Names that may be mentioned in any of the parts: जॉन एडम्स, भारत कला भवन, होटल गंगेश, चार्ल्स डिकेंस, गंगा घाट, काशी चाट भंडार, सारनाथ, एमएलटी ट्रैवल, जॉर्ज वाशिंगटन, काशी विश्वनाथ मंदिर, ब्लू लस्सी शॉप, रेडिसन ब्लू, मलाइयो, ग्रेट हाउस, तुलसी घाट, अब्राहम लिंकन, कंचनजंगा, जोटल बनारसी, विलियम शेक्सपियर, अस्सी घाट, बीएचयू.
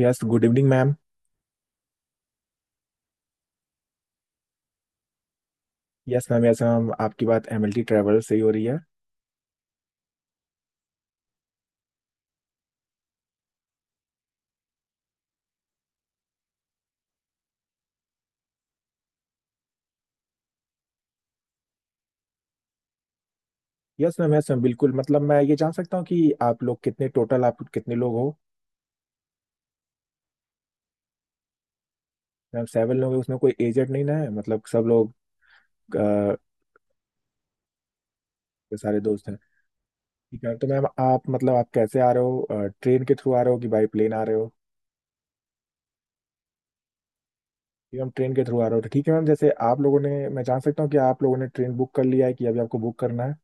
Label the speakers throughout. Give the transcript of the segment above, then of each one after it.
Speaker 1: Yes, good evening ma'am. Yes ma'am, yes ma'am, आपकी बात एमएलटी ट्रैवल से ही हो रही है। यस मैम, यस मैम, बिल्कुल। मतलब मैं ये जान सकता हूँ कि आप लोग कितने, टोटल आप कितने लोग हो? मैम 7 लोग हैं, उसमें कोई एजेड नहीं ना है? मतलब सब लोग अ, सारे दोस्त हैं। ठीक है, तो मैम आप मतलब आप कैसे आ रहे हो? ट्रेन के थ्रू आ रहे हो कि बाई प्लेन आ रहे हो? मैम ट्रेन के थ्रू आ रहे हो तो ठीक है। मैम जैसे आप लोगों ने, मैं जान सकता हूँ कि आप लोगों ने ट्रेन बुक कर लिया है कि अभी आपको बुक करना है?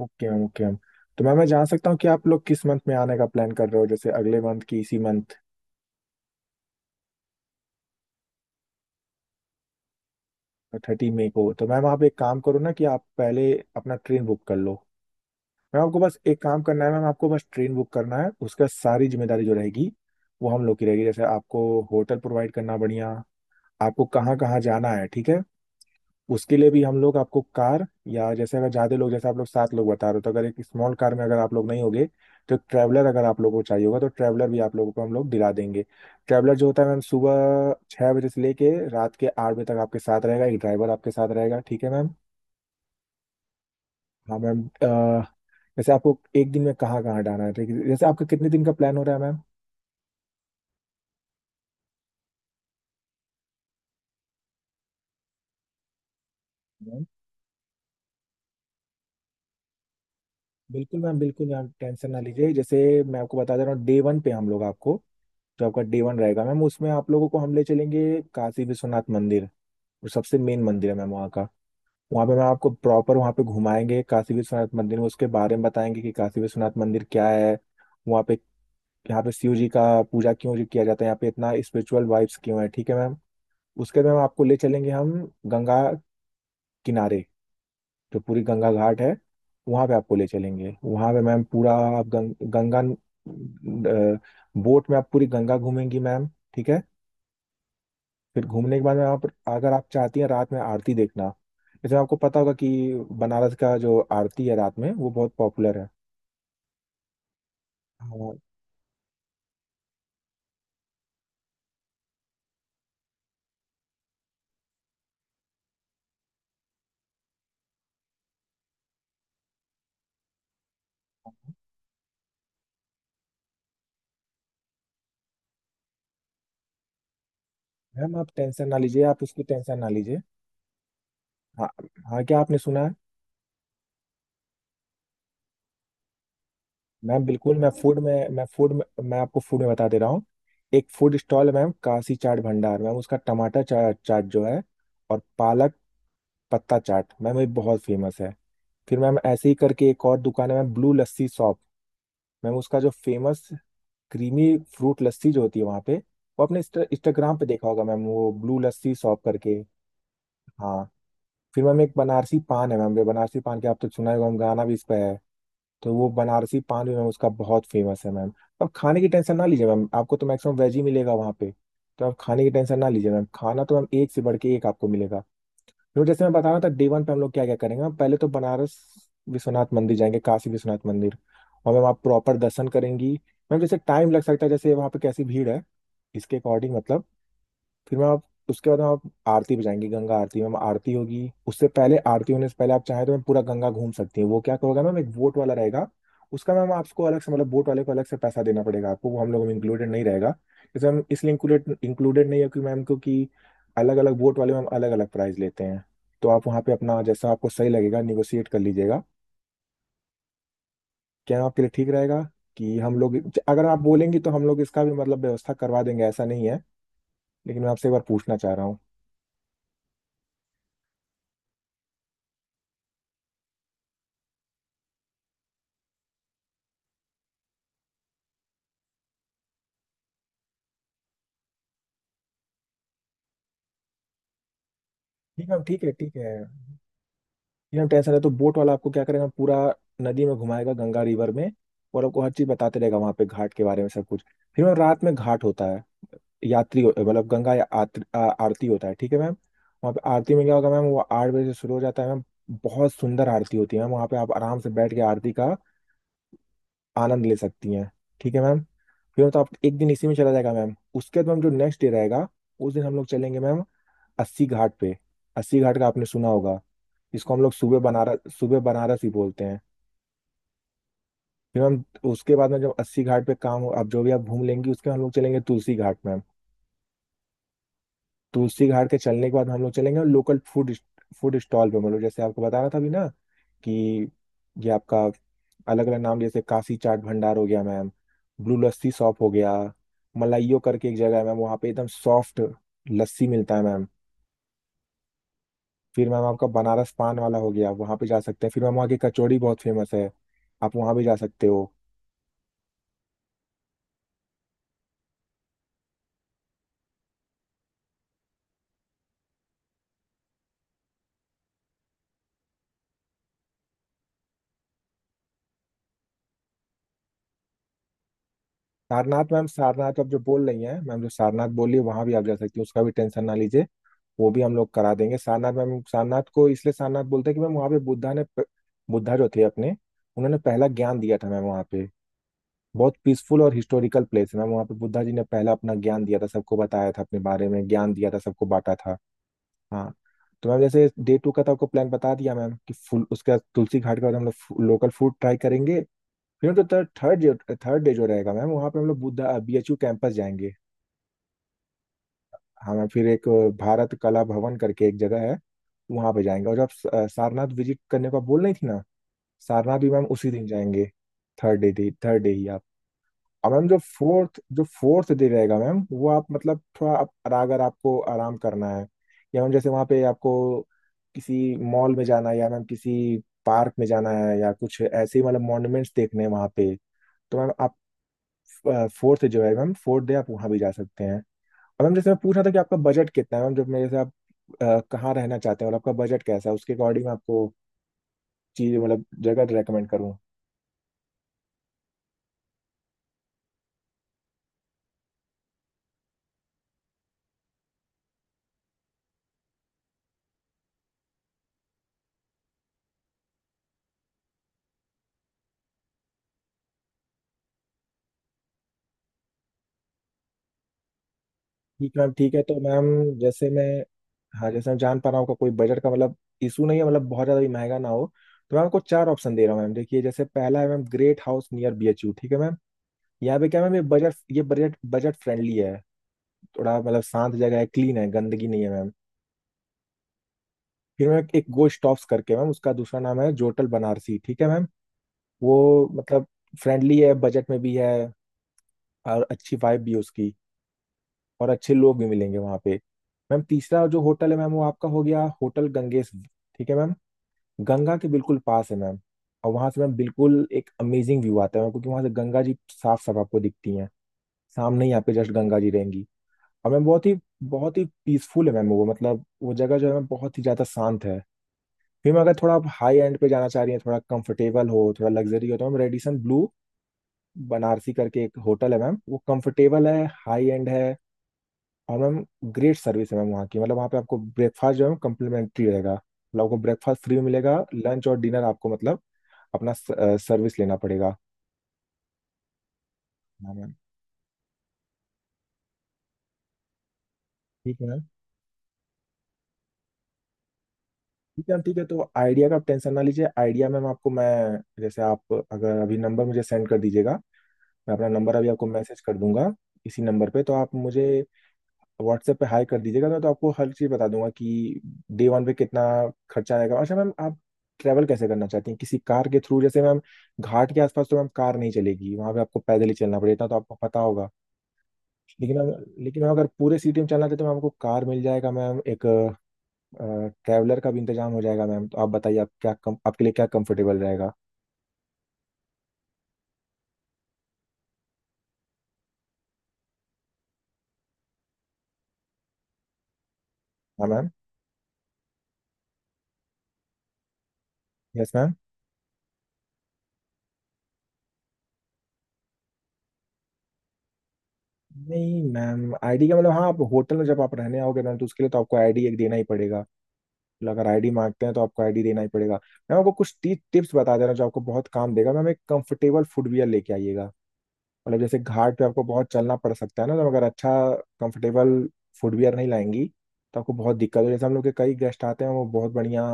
Speaker 1: Okay ma'am, okay ma'am. तो मैम मैं जान सकता हूँ कि आप लोग किस मंथ में आने का प्लान कर रहे हो, जैसे अगले मंथ की इसी मंथ? 30 मई को तो मैम आप एक काम करो ना कि आप पहले अपना ट्रेन बुक कर लो। मैम आपको बस एक काम करना है, मैम आपको बस ट्रेन बुक करना है, उसका सारी जिम्मेदारी जो रहेगी वो हम लोग की रहेगी। जैसे आपको होटल प्रोवाइड करना, बढ़िया, आपको कहाँ कहाँ जाना है, ठीक है। उसके लिए भी हम लोग आपको कार, या जैसे अगर ज्यादा लोग, जैसे आप लोग 7 लोग बता रहे हो, तो अगर एक स्मॉल कार में अगर आप लोग नहीं होगे तो एक ट्रैवलर अगर आप लोगों को चाहिए होगा तो ट्रैवलर भी आप लोगों को हम लोग दिला देंगे। ट्रैवलर जो होता है मैम, सुबह 6 बजे से लेके रात के 8 बजे तक आपके साथ रहेगा, एक ड्राइवर आपके साथ रहेगा, ठीक है मैम। हाँ मैम, वैसे आपको एक दिन में कहाँ कहाँ हटाना है ठीक है, जैसे आपका कितने दिन का प्लान हो रहा है मैम? मैम, बिल्कुल मैम, बिल्कुल मैम, टेंशन ना लीजिए। जैसे मैं आपको बता दे रहा हूँ, डे वन पे हम लोग आपको, जो आपका डे वन रहेगा मैम उसमें आप लोगों को हम ले चलेंगे काशी विश्वनाथ मंदिर, और सबसे मेन मंदिर है मैम वहाँ का। वहाँ पे मैम आपको प्रॉपर वहाँ पे घुमाएंगे, काशी विश्वनाथ मंदिर में उसके बारे में बताएंगे कि काशी विश्वनाथ मंदिर क्या है, वहाँ पे, यहाँ पे शिव जी का पूजा क्यों जी किया जाता है, यहाँ पे इतना स्पिरिचुअल वाइब्स क्यों है, ठीक है मैम। उसके बाद मैम आपको ले चलेंगे हम गंगा किनारे, जो पूरी गंगा घाट है वहां पे आपको ले चलेंगे। वहां पे मैम पूरा आप गंगा बोट में आप पूरी गंगा घूमेंगी मैम, ठीक है। फिर घूमने के बाद में आप, अगर आप चाहती हैं रात में आरती देखना, जैसे आपको पता होगा कि बनारस का जो आरती है रात में वो बहुत पॉपुलर है। हाँ मैम, आप टेंशन ना लीजिए, आप उसकी टेंशन ना लीजिए। हाँ, हाँ क्या आपने सुना है? मैम बिल्कुल, मैं फूड में मैं आपको फूड में बता दे रहा हूँ। एक फूड स्टॉल है मैम, काशी चाट भंडार मैम, उसका टमाटर चाट जो है, और पालक पत्ता चाट मैम ये बहुत फेमस है। फिर मैम ऐसे ही करके एक और दुकान है ma'am, ब्लू लस्सी शॉप। Ma'am उसका जो फेमस क्रीमी फ्रूट लस्सी जो होती है वहाँ पे, वो आपने इंस्टाग्राम पे देखा होगा मैम, वो ब्लू लस्सी शॉप करके। हाँ, फिर मैम एक बनारसी पान है मैम, जो बनारसी पान के आप तो सुना ही होगा मैम, गाना भी इस पे है, तो वो बनारसी पान भी मैम उसका बहुत फेमस है मैम। अब खाने की टेंशन ना लीजिए मैम, आपको तो मैक्सिमम वेज ही मिलेगा वहाँ पे। तो आप खाने की टेंशन ना लीजिए मैम, खाना तो मैम एक से बढ़ के एक आपको मिलेगा। तो जैसे मैं बता रहा था, डे वन पे हम लोग क्या क्या करेंगे मैम, पहले तो बनारस विश्वनाथ मंदिर जाएंगे, काशी विश्वनाथ मंदिर। और मैम आप प्रॉपर दर्शन करेंगी मैम, जैसे टाइम लग सकता है, जैसे वहाँ पे कैसी भीड़ है इसके अकॉर्डिंग, मतलब। फिर मैं आप उसके बाद हम आप आरती पे जाएंगे, गंगा आरती में आरती होगी, उससे पहले, आरती होने से पहले आप चाहें तो मैं पूरा गंगा घूम सकती हैं, वो क्या करोगे मैम, एक बोट वाला रहेगा। उसका मैम आपको अलग से, मतलब बोट वाले को अलग से पैसा देना पड़ेगा आपको, वो हम लोगों में इंक्लूडेड नहीं रहेगा। जैसे हम इसलिए इंक्लूडेड इंक्लूडेड नहीं है क्योंकि मैम, क्योंकि अलग अलग बोट वाले मैम अलग अलग प्राइस लेते हैं। तो आप वहाँ पे अपना, जैसा आपको सही लगेगा निगोशिएट कर लीजिएगा। क्या आपके लिए ठीक रहेगा कि हम लोग, अगर आप बोलेंगी तो हम लोग इसका भी मतलब व्यवस्था करवा देंगे, ऐसा नहीं है, लेकिन मैं आपसे एक बार पूछना चाह रहा हूँ। ठीक है मैम, ठीक है, ठीक है। ये हम टेंशन है, तो बोट वाला आपको क्या करेगा, पूरा नदी में घुमाएगा, गंगा रिवर में, और आपको हर चीज बताते रहेगा वहां पे, घाट के बारे में सब कुछ। फिर मैम रात में घाट होता है, यात्री मतलब गंगा या आरती होता है, ठीक है मैम। वहाँ पे आरती में क्या होगा मैम, वो 8 बजे से शुरू हो जाता है मैम। बहुत सुंदर आरती होती है मैम, वहाँ पे आप आराम से बैठ के आरती का आनंद ले सकती हैं, ठीक है मैम। फिर तो आप एक दिन इसी में चला जाएगा मैम। उसके बाद मैम जो नेक्स्ट डे रहेगा, उस दिन हम लोग चलेंगे मैम अस्सी घाट पे। अस्सी घाट का आपने सुना होगा, इसको हम लोग सुबह बनारस, सुबह बनारस ही बोलते हैं। फिर हम, उसके बाद में जब अस्सी घाट पे काम हो, आप जो भी आप घूम लेंगी, उसके बाद हम लोग चलेंगे तुलसी घाट में। तुलसी घाट के चलने के बाद हम लोग चलेंगे लोकल फूड, फूड स्टॉल पे, मतलब जैसे आपको बता रहा था अभी ना, कि ये आपका अलग अलग नाम, जैसे काशी चाट भंडार हो गया मैम, ब्लू लस्सी शॉप हो गया, मलाइयो करके एक जगह है मैम वहाँ पे एकदम सॉफ्ट लस्सी मिलता है मैम। फिर मैम आपका बनारस पान वाला हो गया, वहाँ पे जा सकते हैं, फिर मैम वहाँ की कचौड़ी बहुत फेमस है, आप वहाँ भी जा सकते हो। सारनाथ मैम, सारनाथ अब जो बोल रही हैं मैम, जो सारनाथ बोली, वहां भी आप जा सकती हैं, उसका भी टेंशन ना लीजिए, वो भी हम लोग करा देंगे। सारनाथ मैम, सारनाथ को इसलिए सारनाथ बोलते हैं कि मैम वहाँ पे बुद्धा ने बुद्धा जो थे अपने, उन्होंने पहला ज्ञान दिया था मैम वहाँ पे। बहुत पीसफुल और हिस्टोरिकल प्लेस है मैम, वहाँ पे बुद्धा जी ने पहला अपना ज्ञान दिया था, सबको बताया था, अपने बारे में ज्ञान दिया था सबको बांटा था। हाँ, तो मैम जैसे डे टू का तो आपको प्लान बता दिया मैम कि फुल उसका, तुलसी घाट के बाद हम लोग लोकल फूड ट्राई करेंगे। फिर तो थर्ड थर्ड थर्ड डे जो रहेगा मैम, वहाँ पे हम लोग Buddha B H U campus जाएंगे। हम फिर एक, भारत कला भवन करके एक जगह है वहाँ पे जाएंगे, और जब सारनाथ विजिट करने को आप बोल रही थी ना, सारनाथ भी मैम उसी दिन जाएंगे, थर्ड डे, थर्ड डे ही आप। और मैम जो फोर्थ, जो फोर्थ डे रहेगा मैम, वो आप मतलब थोड़ा आप, अगर आपको आराम करना है, या मैम जैसे वहाँ पे आपको किसी मॉल में जाना है, या मैम किसी पार्क में जाना है, या कुछ ऐसे ही मतलब मॉन्यूमेंट्स देखने हैं वहाँ पे, तो मैम फोर्थ है जो है मैम, फोर्थ डे आप वहाँ भी जा सकते हैं। और मैम जैसे मैं पूछ रहा था कि आपका बजट कितना है मैम, जब मेरे से आप, कहाँ रहना चाहते हैं और आपका बजट कैसा है, उसके अकॉर्डिंग मैं आपको चीज मतलब जगह रेकमेंड करूँ। ठीक है मैम, ठीक है। तो मैम जैसे मैं, हाँ जैसे मैं जान पा रहा हूँ का कोई बजट का मतलब इशू नहीं है, मतलब बहुत ज़्यादा भी महंगा ना हो, तो मैं आपको 4 ऑप्शन दे रहा हूँ मैम। देखिए जैसे पहला है ma'am, ग्रेट हाउस near बीएचयू, ठीक है मैम। यहाँ पे क्या है मैम, ये बजट, ये बजट बजट फ्रेंडली है, थोड़ा मतलब शांत जगह है, क्लीन है, गंदगी नहीं है मैम। फिर मैम एक गोश्त करके मैम, उसका दूसरा नाम है जोटल बनारसी, ठीक है मैम। वो मतलब फ्रेंडली है, बजट में भी है, और अच्छी वाइब भी है उसकी, और अच्छे लोग भी मिलेंगे वहाँ पे। मैम तीसरा जो होटल है मैम वो आपका हो गया होटल गंगेश, ठीक है मैम। गंगा के बिल्कुल पास है मैम, और वहाँ से मैम बिल्कुल एक अमेजिंग व्यू आता है मैम, क्योंकि वहाँ से गंगा जी साफ साफ आपको दिखती हैं, सामने ही आपके जस्ट गंगा जी रहेंगी। और मैम बहुत ही पीसफुल है मैम, वो मतलब वो जगह जो है मैम बहुत ही ज्यादा शांत है। फिर अगर थोड़ा आप हाई एंड पे जाना चाह रही हैं, थोड़ा कंफर्टेबल हो, थोड़ा लग्जरी हो, तो मैम रेडिसन ब्लू बनारसी करके एक होटल है मैम, वो कंफर्टेबल है, हाई एंड है। और मैम ग्रेट सर्विस है मैम वहाँ की। मतलब वहाँ पे आपको ब्रेकफास्ट जो है कम्प्लीमेंट्री रहेगा, मतलब आपको ब्रेकफास्ट फ्री मिलेगा। लंच और डिनर आपको मतलब अपना सर्विस लेना पड़ेगा। हाँ मैम। ठीक है मैम। ठीक है, तो आइडिया का आप टेंशन ना लीजिए। आइडिया मैम आपको मैं, जैसे आप अगर अभी नंबर मुझे सेंड कर दीजिएगा, मैं अपना नंबर अभी आपको मैसेज कर दूंगा इसी नंबर पे। तो आप मुझे व्हाट्सएप पे हाई कर दीजिएगा, मैं तो आपको हर चीज़ बता दूंगा कि डे वन पे कितना खर्चा आएगा। अच्छा मैम, आप ट्रैवल कैसे करना चाहती हैं? किसी कार के थ्रू? जैसे मैम घाट के आसपास तो मैम कार नहीं चलेगी, वहां पे आपको पैदल ही चलना पड़ेगा, इतना तो आपको पता होगा। लेकिन मैम अगर पूरे सिटी में चलना चाहते हैं तो मैम आपको कार मिल जाएगा मैम। एक ट्रैवलर का भी इंतजाम हो जाएगा मैम। तो आप बताइए आप आपके लिए क्या कंफर्टेबल रहेगा? हाँ मैम। Yes ma'am. नहीं मैम, आईडी का मतलब, हाँ, आप होटल में जब आप रहने आओगे मैम तो उसके लिए तो आपको आईडी एक देना ही पड़ेगा। मतलब अगर आईडी मांगते हैं तो आपको आईडी देना ही पड़ेगा। मैम आपको कुछ टिप्स बता दे रहा हूँ जो आपको बहुत काम देगा मैम। एक कंफर्टेबल फुटवियर लेके आइएगा। मतलब जैसे घाट पे आपको बहुत चलना पड़ सकता है ना, तो अगर अच्छा कंफर्टेबल फुटवियर नहीं लाएंगी तो आपको बहुत दिक्कत हो। जैसे हम लोग के कई गेस्ट आते हैं, वो बहुत बढ़िया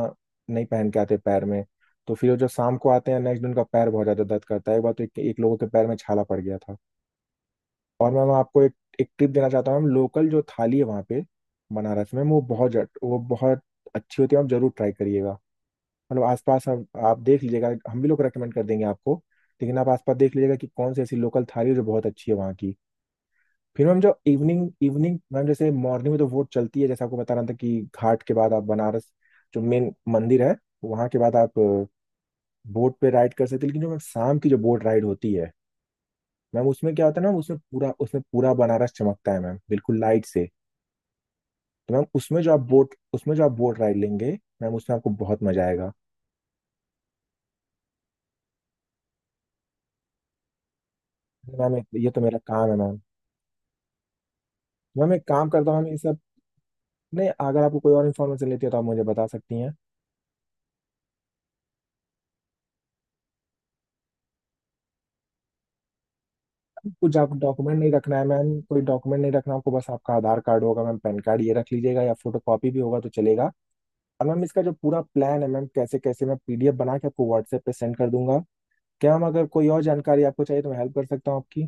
Speaker 1: नहीं पहन के आते पैर में, तो फिर वो जो शाम को आते हैं नेक्स्ट दिन उनका पैर बहुत ज्यादा दर्द करता है। एक बार तो एक लोगों के पैर में छाला पड़ गया था। और मैम आपको एक एक टिप देना चाहता हूँ मैम। लोकल जो थाली है वहाँ पे बनारस में, वो बहुत वो बहुत अच्छी होती है, आप जरूर ट्राई करिएगा। मतलब आसपास आप देख लीजिएगा, हम भी लोग रेकमेंड कर देंगे आपको। लेकिन आप आसपास देख लीजिएगा कि कौन सी ऐसी लोकल थाली है जो बहुत अच्छी है वहाँ की। फिर मैम जो इवनिंग इवनिंग मैम, जैसे मॉर्निंग में तो वोट चलती है, जैसे आपको बता रहा था कि घाट के बाद आप बनारस जो मेन मंदिर है वहाँ के बाद आप बोट पे राइड कर सकते हैं। लेकिन जो मैम शाम की जो बोट राइड होती है मैम, उसमें क्या होता है ना, उसमें पूरा बनारस चमकता है मैम, बिल्कुल लाइट से। तो मैम उसमें जो आप बोट राइड लेंगे मैम, उसमें आपको बहुत मजा आएगा। मैम ये तो मेरा काम है मैम। मैम एक काम करता हूँ मैम, ये सब। नहीं, अगर आपको कोई और इन्फॉर्मेशन लेती है तो आप मुझे बता सकती हैं। कुछ आप डॉक्यूमेंट नहीं रखना है मैम, कोई डॉक्यूमेंट नहीं रखना आपको, बस आपका आधार कार्ड होगा मैम, पैन कार्ड, ये रख लीजिएगा या फोटो कॉपी भी होगा तो चलेगा। और मैम इसका जो पूरा प्लान है मैम, कैसे कैसे, मैं पीडीएफ बना के आपको व्हाट्सएप पे सेंड कर दूंगा। क्या मैम, अगर कोई और जानकारी आपको चाहिए तो मैं हेल्प कर सकता हूँ आपकी।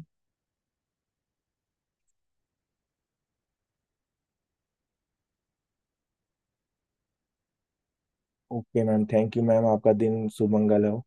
Speaker 1: Okay ma'am, thank you ma'am, आपका दिन शुभ मंगल हो।